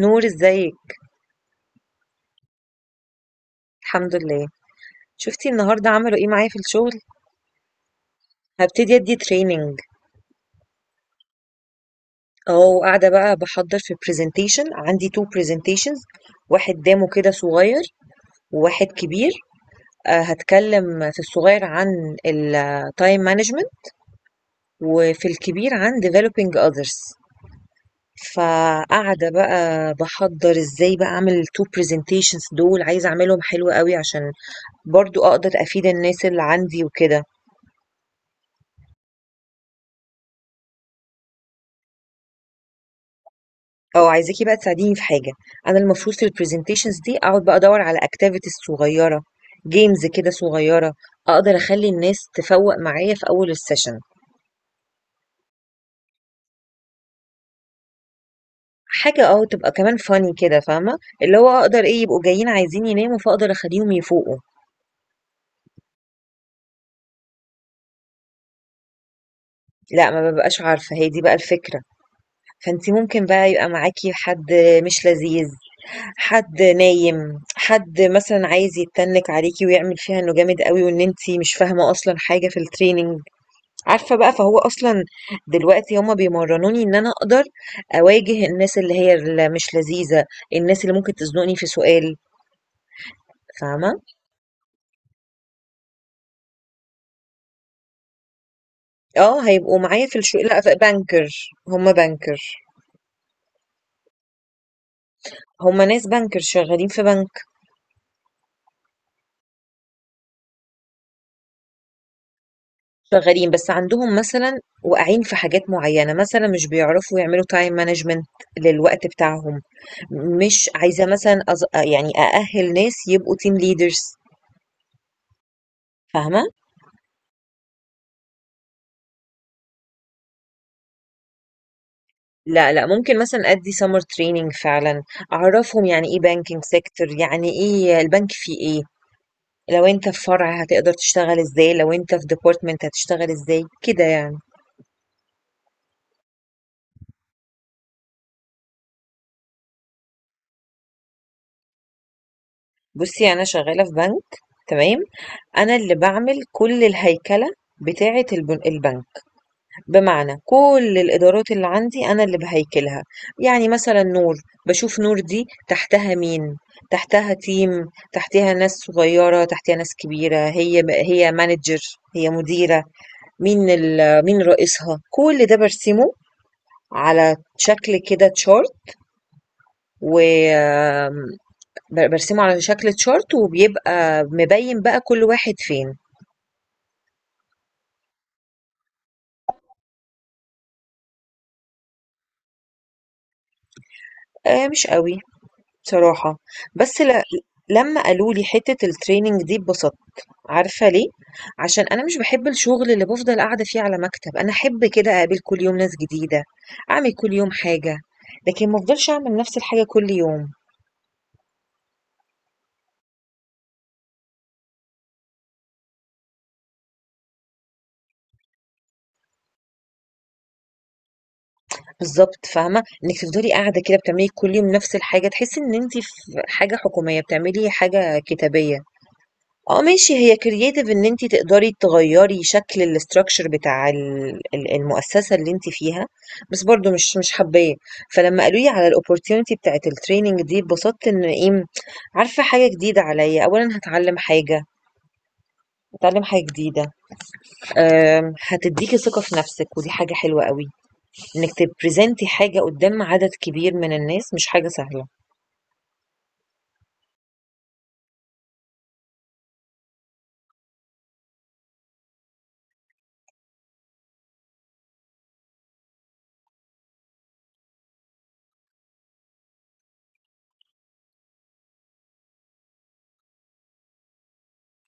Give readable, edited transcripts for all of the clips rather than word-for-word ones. نور ازيك. الحمد لله. شفتي النهارده عملوا ايه معايا في الشغل؟ هبتدي ادي تريننج. اهو قاعده بقى بحضر في برزنتيشن، عندي تو برزنتيشنز، واحد دامه كده صغير وواحد كبير. هتكلم في الصغير عن التايم مانجمنت، وفي الكبير عن developing others. فقاعده بقى بحضر ازاي بقى اعمل التو برزنتيشنز دول، عايزه اعملهم حلو قوي عشان برضو اقدر افيد الناس اللي عندي وكده. عايزاكِ بقى تساعديني في حاجة، أنا المفروض في الpresentations دي أقعد بقى أدوّر على activities صغيّرة، games كده صغيّرة، أقدر أخلّي الناس تفوّق معايا في أول الsession، حاجة تبقى كمان funny كده، فاهمة، اللي هو أقدر إيه، يبقوا جايين عايزين يناموا فأقدر أخلّيهم يفوقوا. لأ ما بابقاش عارفة، هي دي بقى الفكرة، فأنتِ ممكن بقى يبقى معاكِ حد مش لذيذ، حد نايم، حد مثلًا عايز يتنِّك عليكِ ويعمل فيها إنه جامد أوي وإن أنتِ مش فاهمة أصلًا حاجة في الtraining. عارفة بقى، فهو أصلا دلوقتي هما بيمرنوني إن أنا أقدر أواجه الناس اللي هي اللي مش لذيذة، الناس اللي ممكن تزنقني في سؤال، فاهمة؟ اه هيبقوا معايا في الشغل، لا بنكر. هما بنكر، هما ناس بنكر شغالين في بنك. شغالين بس عندهم مثلا، واقعين في حاجات معينة، مثلا مش بيعرفوا يعملوا تايم مانجمنت للوقت بتاعهم. مش عايزة مثلا يعني أأهل ناس يبقوا تيم ليدرز، فاهمة؟ لا لا، ممكن مثلا ادي سمر تريننج فعلا، اعرفهم يعني ايه بانكينج سيكتور، يعني ايه البنك، فيه ايه، لو انت في فرع هتقدر تشتغل ازاي، لو انت في ديبارتمنت هتشتغل ازاي كده يعني. بصي انا شغالة في بنك، تمام؟ انا اللي بعمل كل الهيكلة بتاعة البنك، بمعنى كل الإدارات اللي عندي أنا اللي باهيكلها، يعني مثلًا نور، باشوف نور دي تحتها مين، تحتها تيم، تحتها ناس صغيّرة، تحتها ناس كبيرة، هي manager، هي مديرة، مين رئيسها، كل ده بارسمه على شكل كده chart. وآمم ب بارسمه على شكل chart وبيبقى مبيّن بقى كل واحد فين. مش أوي بصراحة. بس ل لمّا قالوا لي حتّة الtraining دي اتبسطت. عارفة ليه؟ عشان أنا مش باحب الشغل اللي بافضل قاعدة فيه على مكتب، أنا أحب كده أقابل كل يوم ناس جديدة، أعمل كل يوم حاجة، لكن ما افضلش أعمل نفس الحاجة كل يوم. بالضبط، فاهمة؟ إنِّك تفضلي قاعدة كده بتعملي كل يوم نفس الحاجة، تحسي إن أنتِ في حاجة حكومية، بتعملي حاجة كتابية. آه ماشي، هي creative إن أنتِ تقدري تغيّري شكل الstructure بتاع ال المؤسسة اللي أنتِ فيها، بس برضه مش حابّاه. فلمّا قالوا لي على الopportunity بتاعة الtraining دي اتبسطت إن إيه، عارفة حاجة جديدة عليّا، أولًا هاتعلّم حاجة، هاتعلّم حاجة جديدة، هتدّيكِ ثقة في نَفْسِك ودي حاجة حلوة أوي، إنِّك تبريزنتي حاجة قُدّام عدد كبير من الناس مش حاجة سهلة.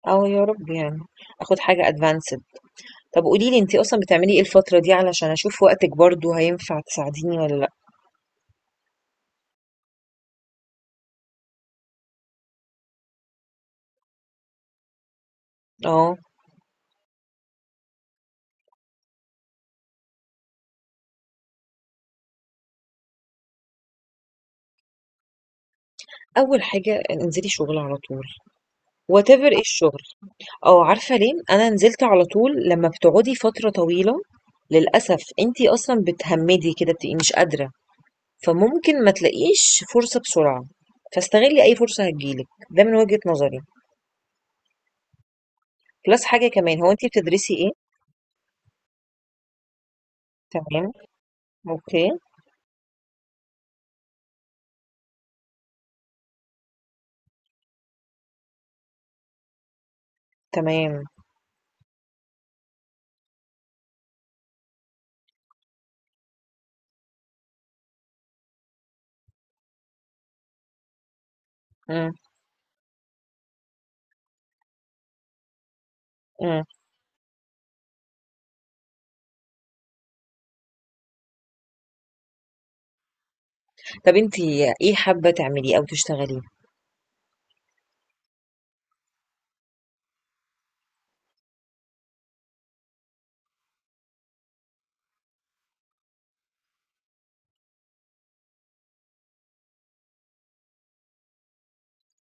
آه يا رب يعني، آخُد حاجة advanced. طب قولي لي أنتِ أصلًا بتعملي إيه الفترة دي علشان أشوف وقتِك برضه هينفع تساعديني والّا لأ؟ آه، أول حاجة انزلي شغل على طول، whatever إيه الشغل. آه عارفة ليه؟ أنا نزلت على طول. لمّا بتقعدي فترة طويلة للأسف أنتِ أصلًا بتهمِّدي كده، بتبقي مش قادرة، فممكن ما تلاقيش فرصة بسرعة، فاستغلي أي فرصة هتيجي لِك، ده من وجهة نظري. plus حاجة كمان، هو أنتِ بتدرسي إيه؟ تمام، أوكي. تمام. إمم. إمم. طب أنتِ إيه حابة تعمليه أو تشتغليه؟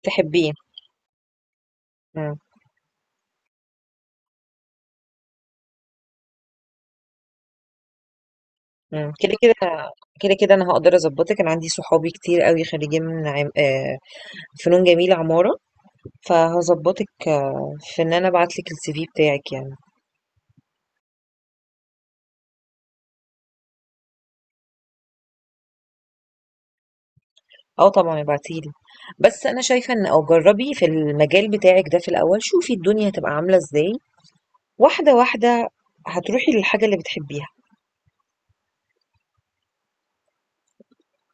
تحبيه؟ إمم. إمم. كده، كده أنا هاقدر أضبّطِك، أنا عندي صحابي كتير أوي خريجين من عم فنون جميلة عمارة، فهاضبّطِك في إن أنا أبعت لِك الCV بتاعِك يعني. آه طبعًا ابعتي لي، بس أنا شايفة إن أو جرّبي في المجال بتاعِك ده في الأول، شوفي الدنيا هتبقى عاملة إزاي، واحدة واحدة هتروحي للحاجة اللي بتحبيها،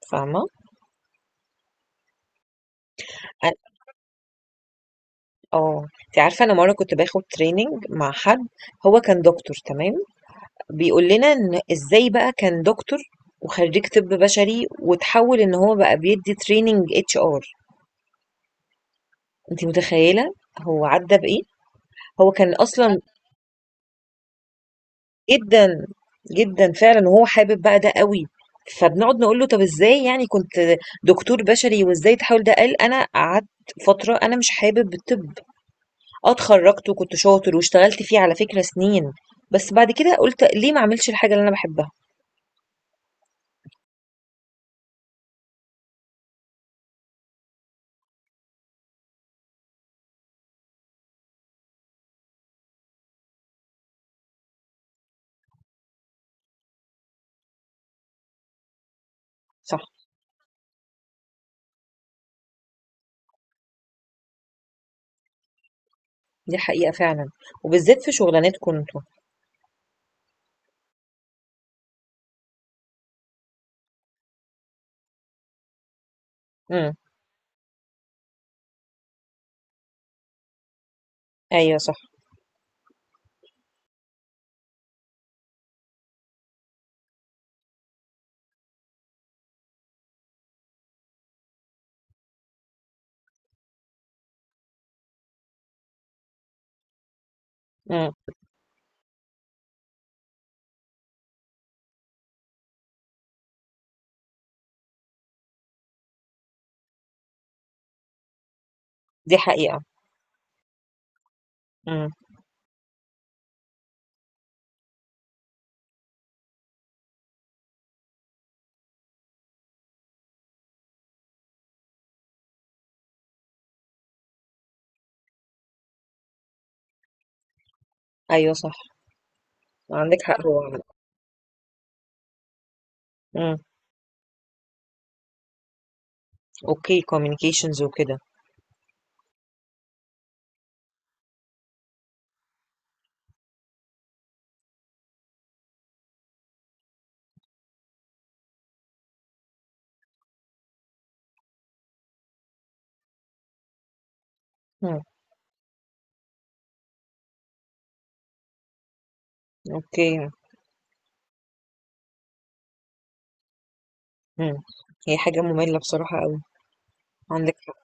فاهمة؟ أ آه، أنتِ عارفة أنا مرّة كنت باخد training مع حد، هو كان دكتور، تمام؟ بيقول لنا إن إزاي بقى كان دكتور وخريج طب بشري وتحول إن هو بقى بيدي تريننج اتش ار. أنت متخيلة؟ هو عدى بإيه؟ هو كان أصلا جدا جدا فعلا وهو حابب بقى ده قوي. فبنقعد نقول له طب ازاي يعني، كنت دكتور بشري وازاي تحاول؟ ده قال انا قعدت فترة انا مش حابب الطب، اه اتخرجت وكنت شاطر واشتغلت فيه على فكرة سنين، بس بعد كده قلت ليه ما اعملش الحاجة اللي انا بحبها. صح، دي حقيقة فعلا، وبالذات في شغلانتكم انتوا. إمم. أيوه صح. إمم. دي حقيقة. إمم. أيوه صح. عندِك حق. هو إمم. أوكي، communications وكده. إمم. أوكي. إمم. هي حاجة مملة بصراحة أوي. عندِك حق.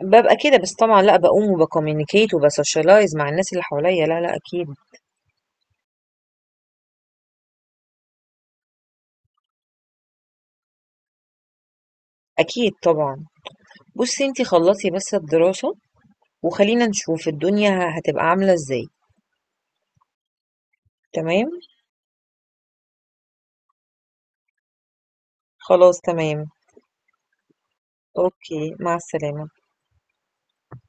بابقى كده، بس طبعًا لأ، باقوم وبcommunicate وبsocialize مع الناس اللي حواليّا. لا، لأ، أكيد. أكيد طبعًا. بُصّي أنتِ خلّصي بس الدراسة وخلّينا نشوف الدنيا هتبقى عاملة إزاي، تمام؟ خلاص تمام. أوكي، مع السلامة.